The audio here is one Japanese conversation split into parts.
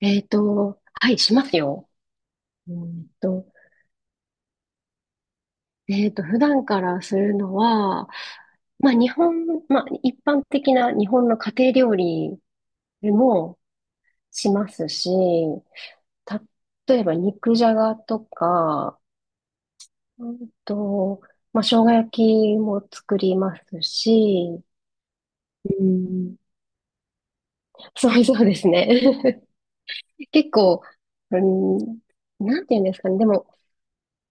はい、しますよ。うんと、普段からするのは、まあ、日本、まあ、一般的な日本の家庭料理もしますし、例えば肉じゃがとか、うんと、生姜焼きも作りますし、うん、そうですね。結構、うん、なんて言うんですかね。でも、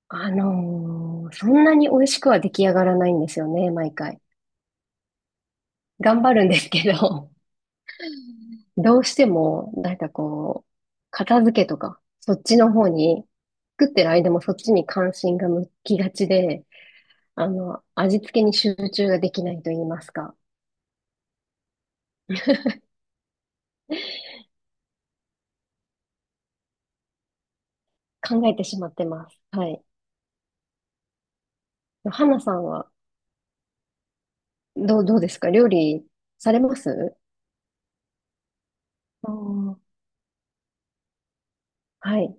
そんなに美味しくは出来上がらないんですよね、毎回。頑張るんですけど、どうしても、片付けとか、そっちの方に、作ってる間もそっちに関心が向きがちで、味付けに集中ができないと言いますか、考えてしまってます。はい。花さんは、どうですか料理されます？あー、はい。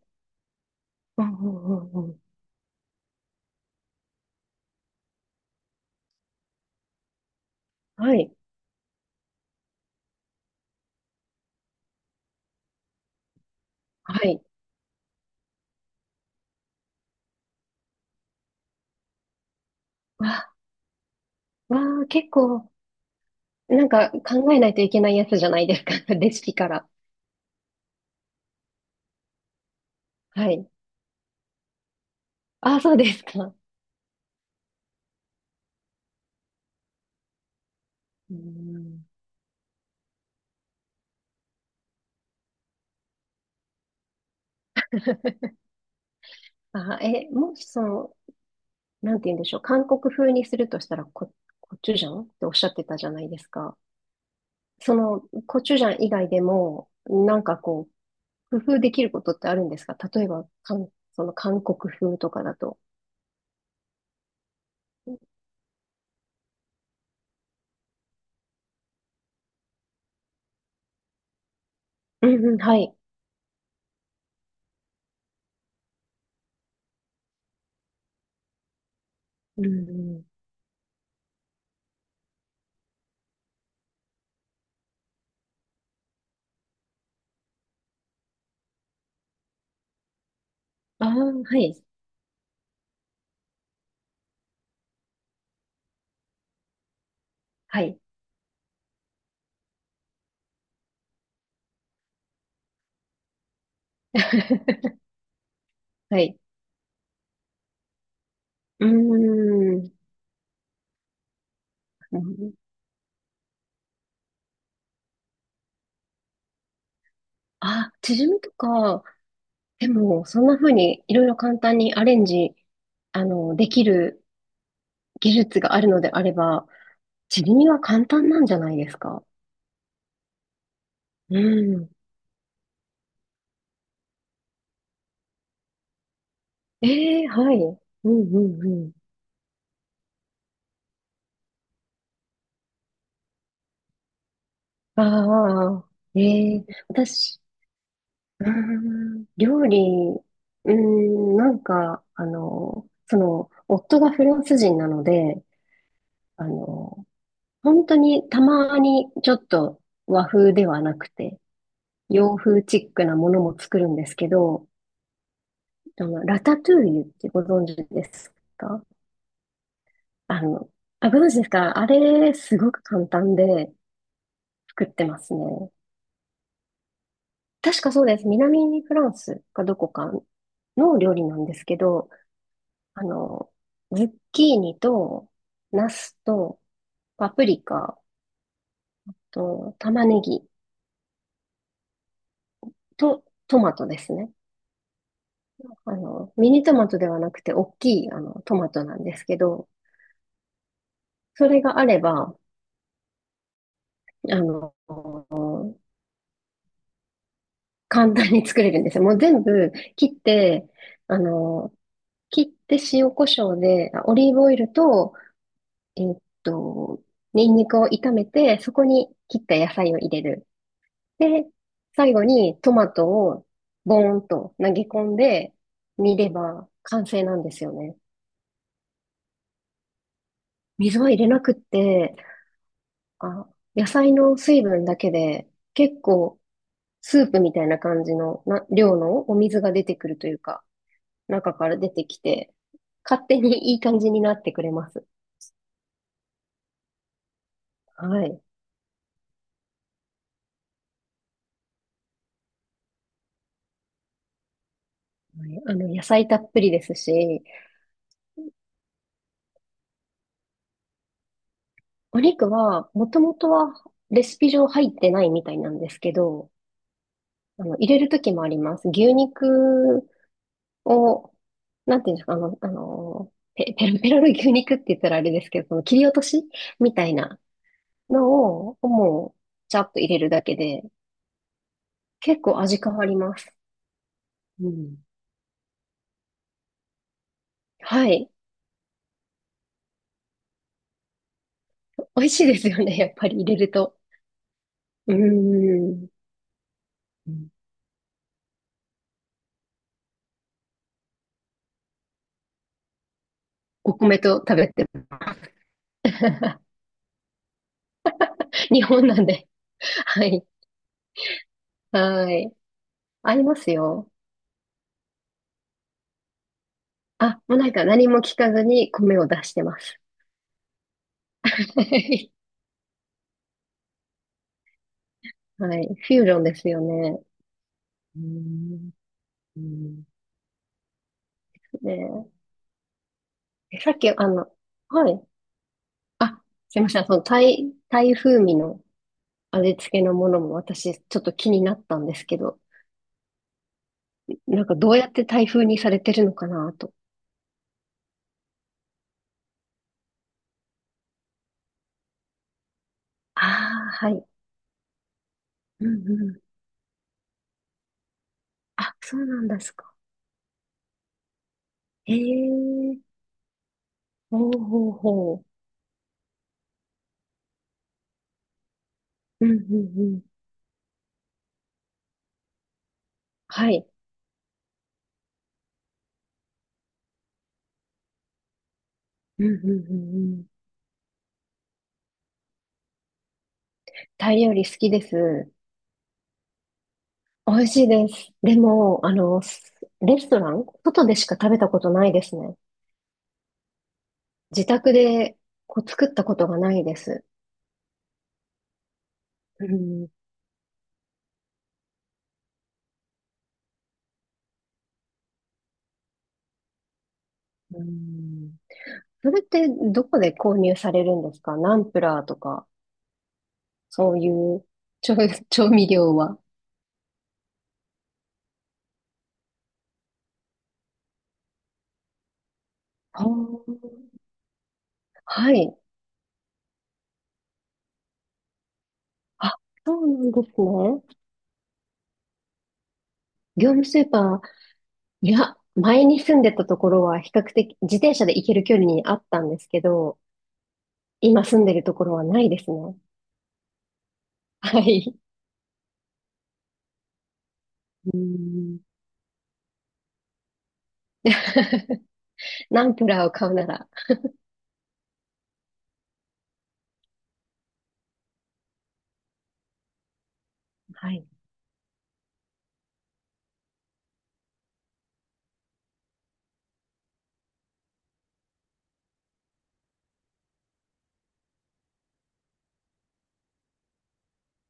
うんうんうんうん。はい。はい。わ、わあ、結構、なんか考えないといけないやつじゃないですか。レシピから。はい。あ、そうですか。うん。もしその、なんて言うんでしょう。韓国風にするとしたらコチュジャンっておっしゃってたじゃないですか。その、コチュジャン以外でも、工夫できることってあるんですか？例えば、その韓国風とかだと。うんうん、はい。うんうん。ああ、はい。はい。はい。うーん。ん、あ、チヂミとか、でも、そんな風にいろいろ簡単にアレンジ、あの、できる技術があるのであれば、地には簡単なんじゃないですか？うん。ええ、はい。うんうんうん。ああ、ええ、私、うん、料理、うん、なんか、あの、その、夫がフランス人なので、あの、本当にたまにちょっと和風ではなくて、洋風チックなものも作るんですけど、でも、ラタトゥーユってご存知ですか？あの、あ、ご存知ですか？あれ、すごく簡単で作ってますね。確かそうです。南フランスかどこかの料理なんですけど、あの、ズッキーニと、ナスと、パプリカと、玉ねぎと、トマトですね。あの、ミニトマトではなくて、大きい、あの、トマトなんですけど、それがあれば、あの、簡単に作れるんですよ。もう全部切って、あの、切って塩コショウで、あ、オリーブオイルと、えーっと、ニンニクを炒めて、そこに切った野菜を入れる。で、最後にトマトをボーンと投げ込んで煮れば完成なんですよね。水は入れなくって、あ、野菜の水分だけで結構スープみたいな感じのな量のお水が出てくるというか、中から出てきて、勝手にいい感じになってくれます。はい。あの、野菜たっぷりですし、お肉は、もともとはレシピ上入ってないみたいなんですけど、あの、入れる時もあります。牛肉を、なんていうんですか、あの、ペロペロの牛肉って言ったらあれですけど、その切り落としみたいなのを、もう、ちゃっと入れるだけで、結構味変わります。うん。はい。美味しいですよね、やっぱり入れると。うーん。お米と食べてます。日本なんで。はい。はい。ありますよ。あ、もうなんか何も聞かずに米を出してます。はい。フュージョンですよね。うーん。うん。ねえ、えさっき、はい。あ、すいません。その、タイ風味の味付けのものも私、ちょっと気になったんですけど、なんかどうやってタイ風にされてるのかなと。ああ、はい。うんうん。あ、そうなんだ。へえ、ほうほうほう。うんうんうん。はい。うんうんうんうん。タイ料理好きです。美味しいです。でも、あの、レストラン外でしか食べたことないですね。自宅でこう作ったことがないです。うん、うん。それってどこで購入されるんですか？ナンプラーとか、そういう調、調味料は。はあ、はい。あ、そうなんですね。業務スーパー、いや、前に住んでたところは比較的自転車で行ける距離にあったんですけど、今住んでるところはないですね。はい。うん。ナンプラーを買うなら、はい、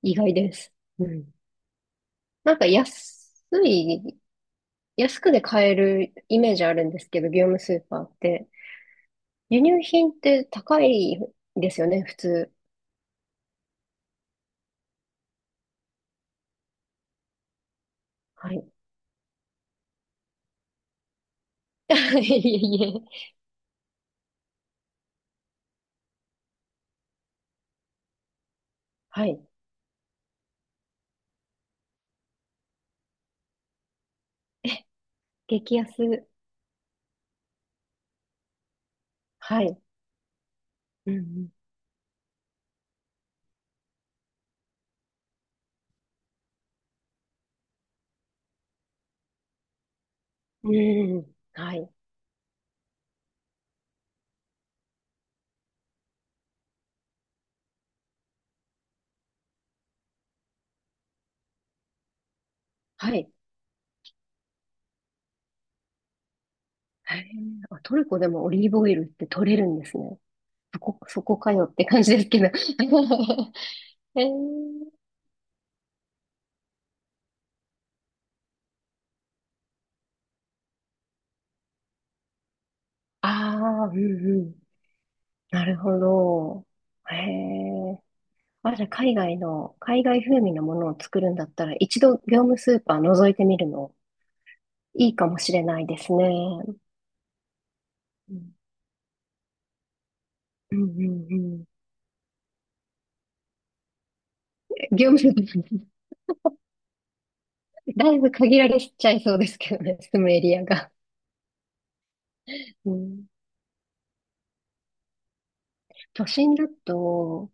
意外です。うん。なんか安い、安くで買えるイメージあるんですけど、業務スーパーって。輸入品って高いですよね、普通。はい。いえいえ。はい。激安。はい。うんうん。うん。はい。はい。へえ、あ、トルコでもオリーブオイルって取れるんですね。そこかよって感じですけど。へえ、ああ、うんうん。なるほど。へえ。あ、じゃあ海外風味のものを作るんだったら、一度業務スーパー覗いてみるの、いいかもしれないですね。うんうんうんうん。業務スーパー、だいぶ限られちゃいそうですけどね、住むエリアが。うん、都心だと、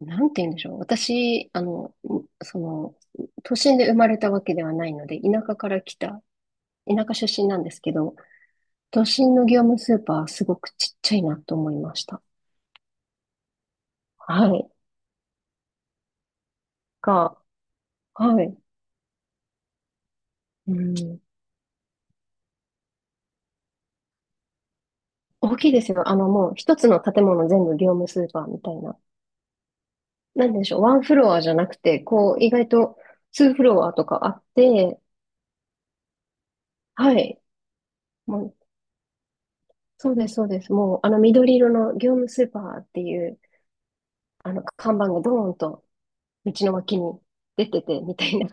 なんて言うんでしょう。私、その、都心で生まれたわけではないので、田舎から来た、田舎出身なんですけど、都心の業務スーパーはすごくちっちゃいなと思いました。はい。が、はい。うん。大きいですよ。あの、もう一つの建物全部業務スーパーみたいな。なんでしょう。ワンフロアじゃなくて、こう、意外とツーフロアとかあって、はい。もう、そうです。もう、あの緑色の業務スーパーっていう、あの看板がドーンと、道の脇に出てて、みたいな。